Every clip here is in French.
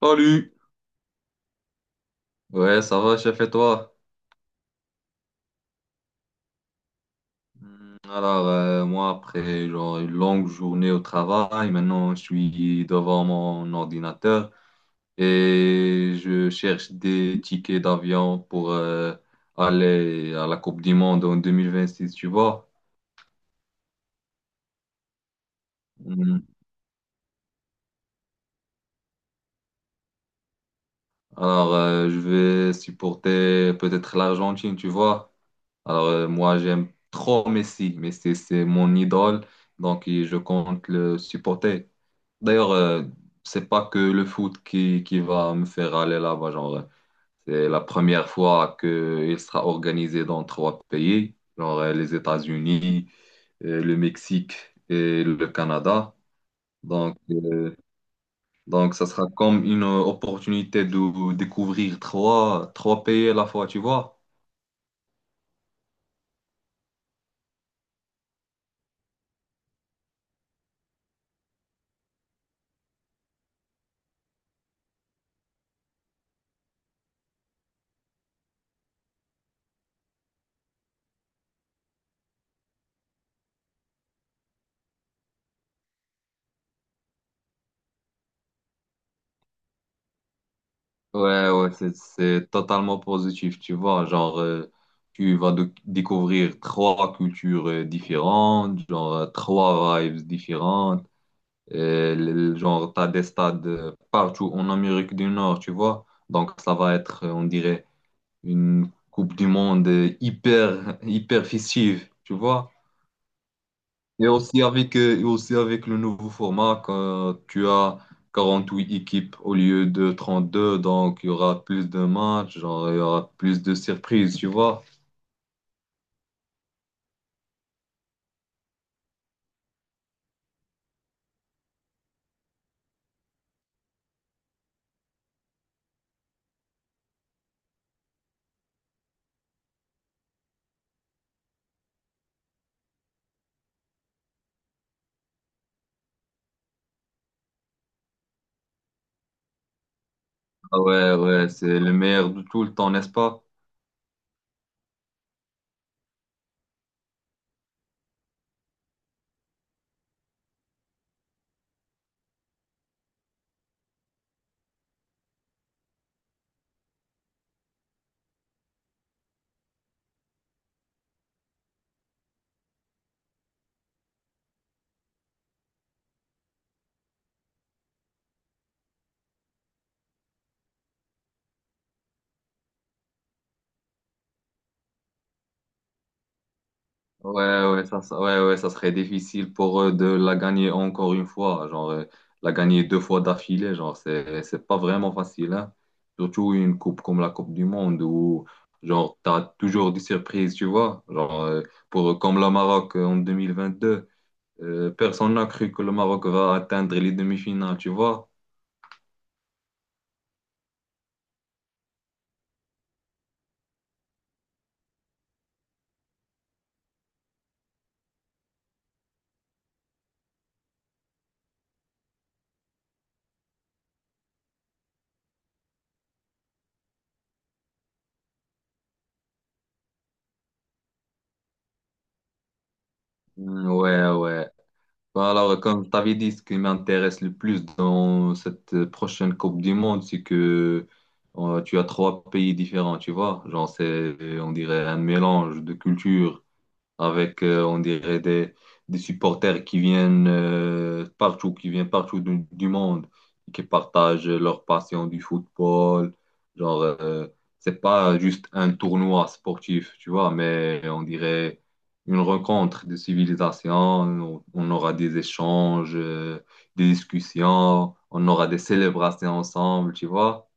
Salut! Ouais, ça va, chef, et toi? Moi, après genre, une longue journée au travail, maintenant, je suis devant mon ordinateur et je cherche des tickets d'avion pour aller à la Coupe du Monde en 2026, tu vois? Hmm, je vais supporter peut-être l'Argentine, tu vois? Moi, j'aime trop Messi. Messi, c'est mon idole, donc je compte le supporter. D'ailleurs, c'est pas que le foot qui va me faire aller là-bas. C'est la première fois qu'il sera organisé dans trois pays, genre les États-Unis, le Mexique et le Canada. Donc, euh, donc, ça sera comme une opportunité de découvrir trois pays à la fois, tu vois. Ouais, ouais, c'est totalement positif, tu vois. Tu vas découvrir trois cultures différentes, genre, trois vibes différentes. Euh, le- T'as des stades partout en Amérique du Nord, tu vois. Donc, ça va être, on dirait, une Coupe du Monde hyper, hyper festive, tu vois. Et aussi avec, le nouveau format, quand tu as 48 équipes au lieu de 32, donc il y aura plus de matchs, genre, il y aura plus de surprises, tu vois. Ah ouais, ouais, c'est le meilleur de tout le temps, n'est-ce pas? Ouais, ouais, ça serait difficile pour eux de la gagner encore une fois. La gagner deux fois d'affilée, genre, c'est pas vraiment facile, hein. Surtout une coupe comme la Coupe du Monde où, genre, t'as toujours des surprises, tu vois. Pour, comme le Maroc en 2022, personne n'a cru que le Maroc va atteindre les demi-finales, tu vois. Ouais, ouais. Alors, comme je t'avais dit, ce qui m'intéresse le plus dans cette prochaine Coupe du Monde, c'est que tu as trois pays différents, tu vois. Genre, c'est, on dirait, un mélange de cultures avec, on dirait, des supporters qui viennent partout, qui viennent partout du monde, qui partagent leur passion du football. Genre, euh, c'est pas juste un tournoi sportif, tu vois, mais on dirait une rencontre de civilisation. On aura des échanges, des discussions, on aura des célébrations ensemble, tu vois.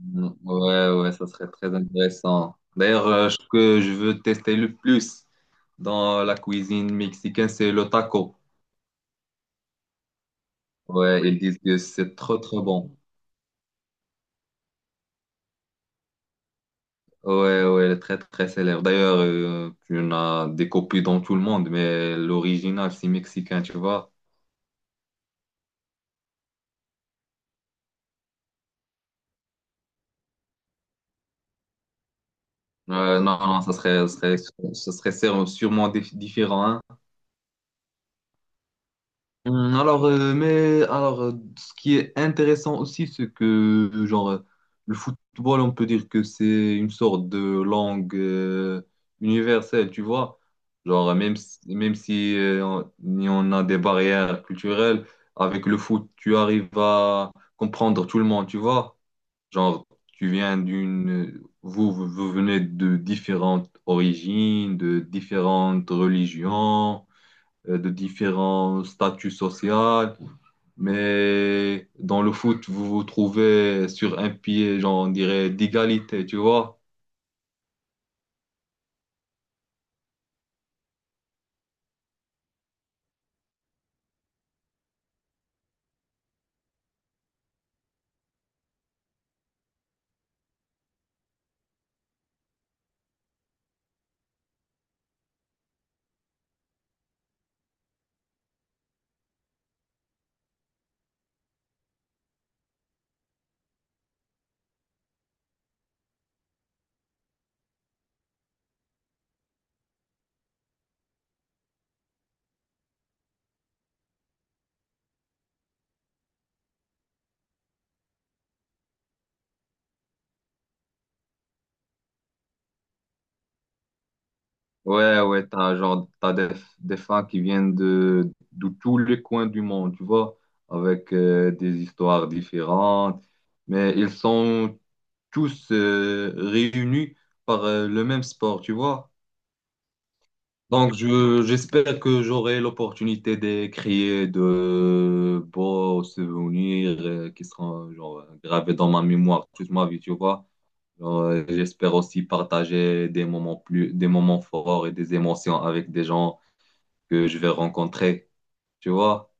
Ouais, ouais, ça serait très intéressant. D'ailleurs, ce que je veux tester le plus dans la cuisine mexicaine, c'est le taco. Ouais, ils disent que c'est trop bon. Ouais, ouais, très célèbre. D'ailleurs, tu en as des copies dans tout le monde, mais l'original, c'est mexicain, tu vois. Non, non, ça serait sûrement différent, hein. Alors, ce qui est intéressant aussi, c'est que le football, on peut dire que c'est une sorte de langue universelle, tu vois. Même si, même si on, il y en a des barrières culturelles, avec le foot, tu arrives à comprendre tout le monde, tu vois. Genre, vous, vous vous venez de différentes origines, de différentes religions de différents statuts sociaux. Mais dans le foot, vous vous trouvez sur un pied, genre, on dirait, d'égalité, tu vois? Ouais, ouais, t'as des fans qui viennent de tous les coins du monde, tu vois, avec des histoires différentes, mais ils sont tous réunis par le même sport, tu vois? Donc, j'espère que j'aurai l'opportunité de créer de beaux souvenirs qui seront genre, gravés dans ma mémoire toute ma vie, tu vois. J'espère aussi partager des moments forts et des émotions avec des gens que je vais rencontrer, tu vois.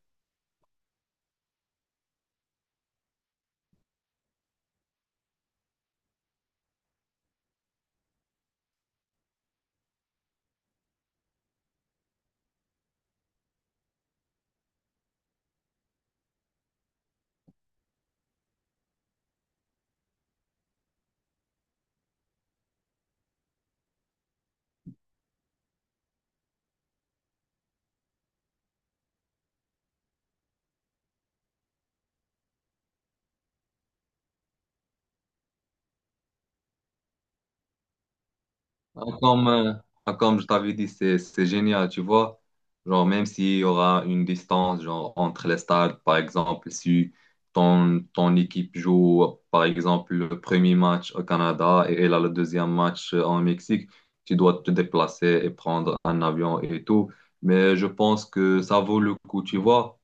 Ah, Comme, euh, Comme je t'avais dit, c'est génial, tu vois. Genre, même s'il y aura une distance genre, entre les stades, par exemple, si ton équipe joue, par exemple, le premier match au Canada et elle a le deuxième match en Mexique, tu dois te déplacer et prendre un avion et tout. Mais je pense que ça vaut le coup, tu vois.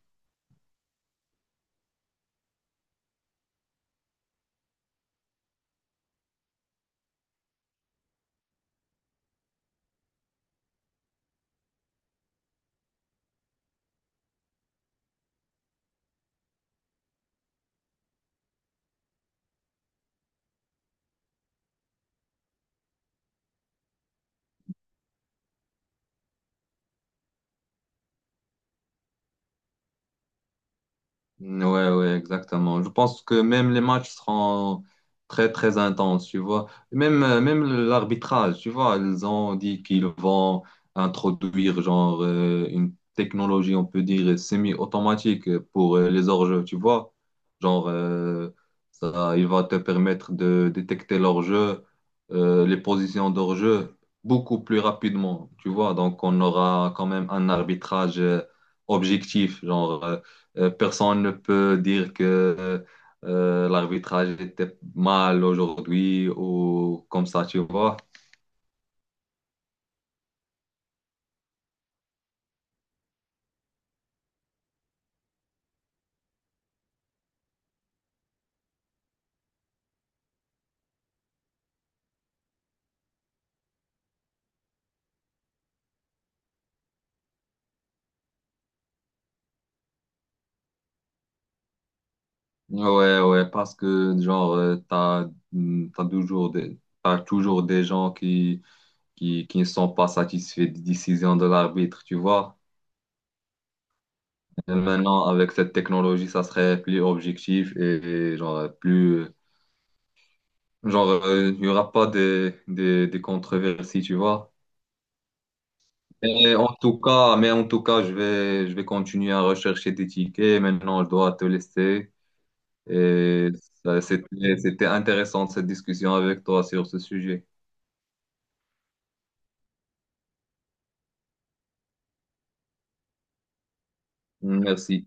Ouais, ouais, exactement. Je pense que même les matchs seront très intenses, tu vois. Même l'arbitrage, tu vois, ils ont dit qu'ils vont introduire une technologie, on peut dire, semi-automatique pour les hors-jeux, tu vois. Genre, euh, Ça, il va te permettre de détecter l'hors-jeu, les positions d'hors-jeu beaucoup plus rapidement, tu vois. Donc, on aura quand même un arbitrage objectif, genre. Personne ne peut dire que l'arbitrage était mal aujourd'hui ou comme ça, tu vois. Ouais, ouais, parce que t'as toujours t'as toujours des gens qui ne sont pas satisfaits des décisions de l'arbitre, tu vois. Et maintenant, avec cette technologie, ça serait plus objectif et il n'y aura pas des controversies, tu vois. Mais en tout cas, je vais continuer à rechercher des tickets. Maintenant, je dois te laisser. Et ça, c'était intéressant cette discussion avec toi sur ce sujet. Merci.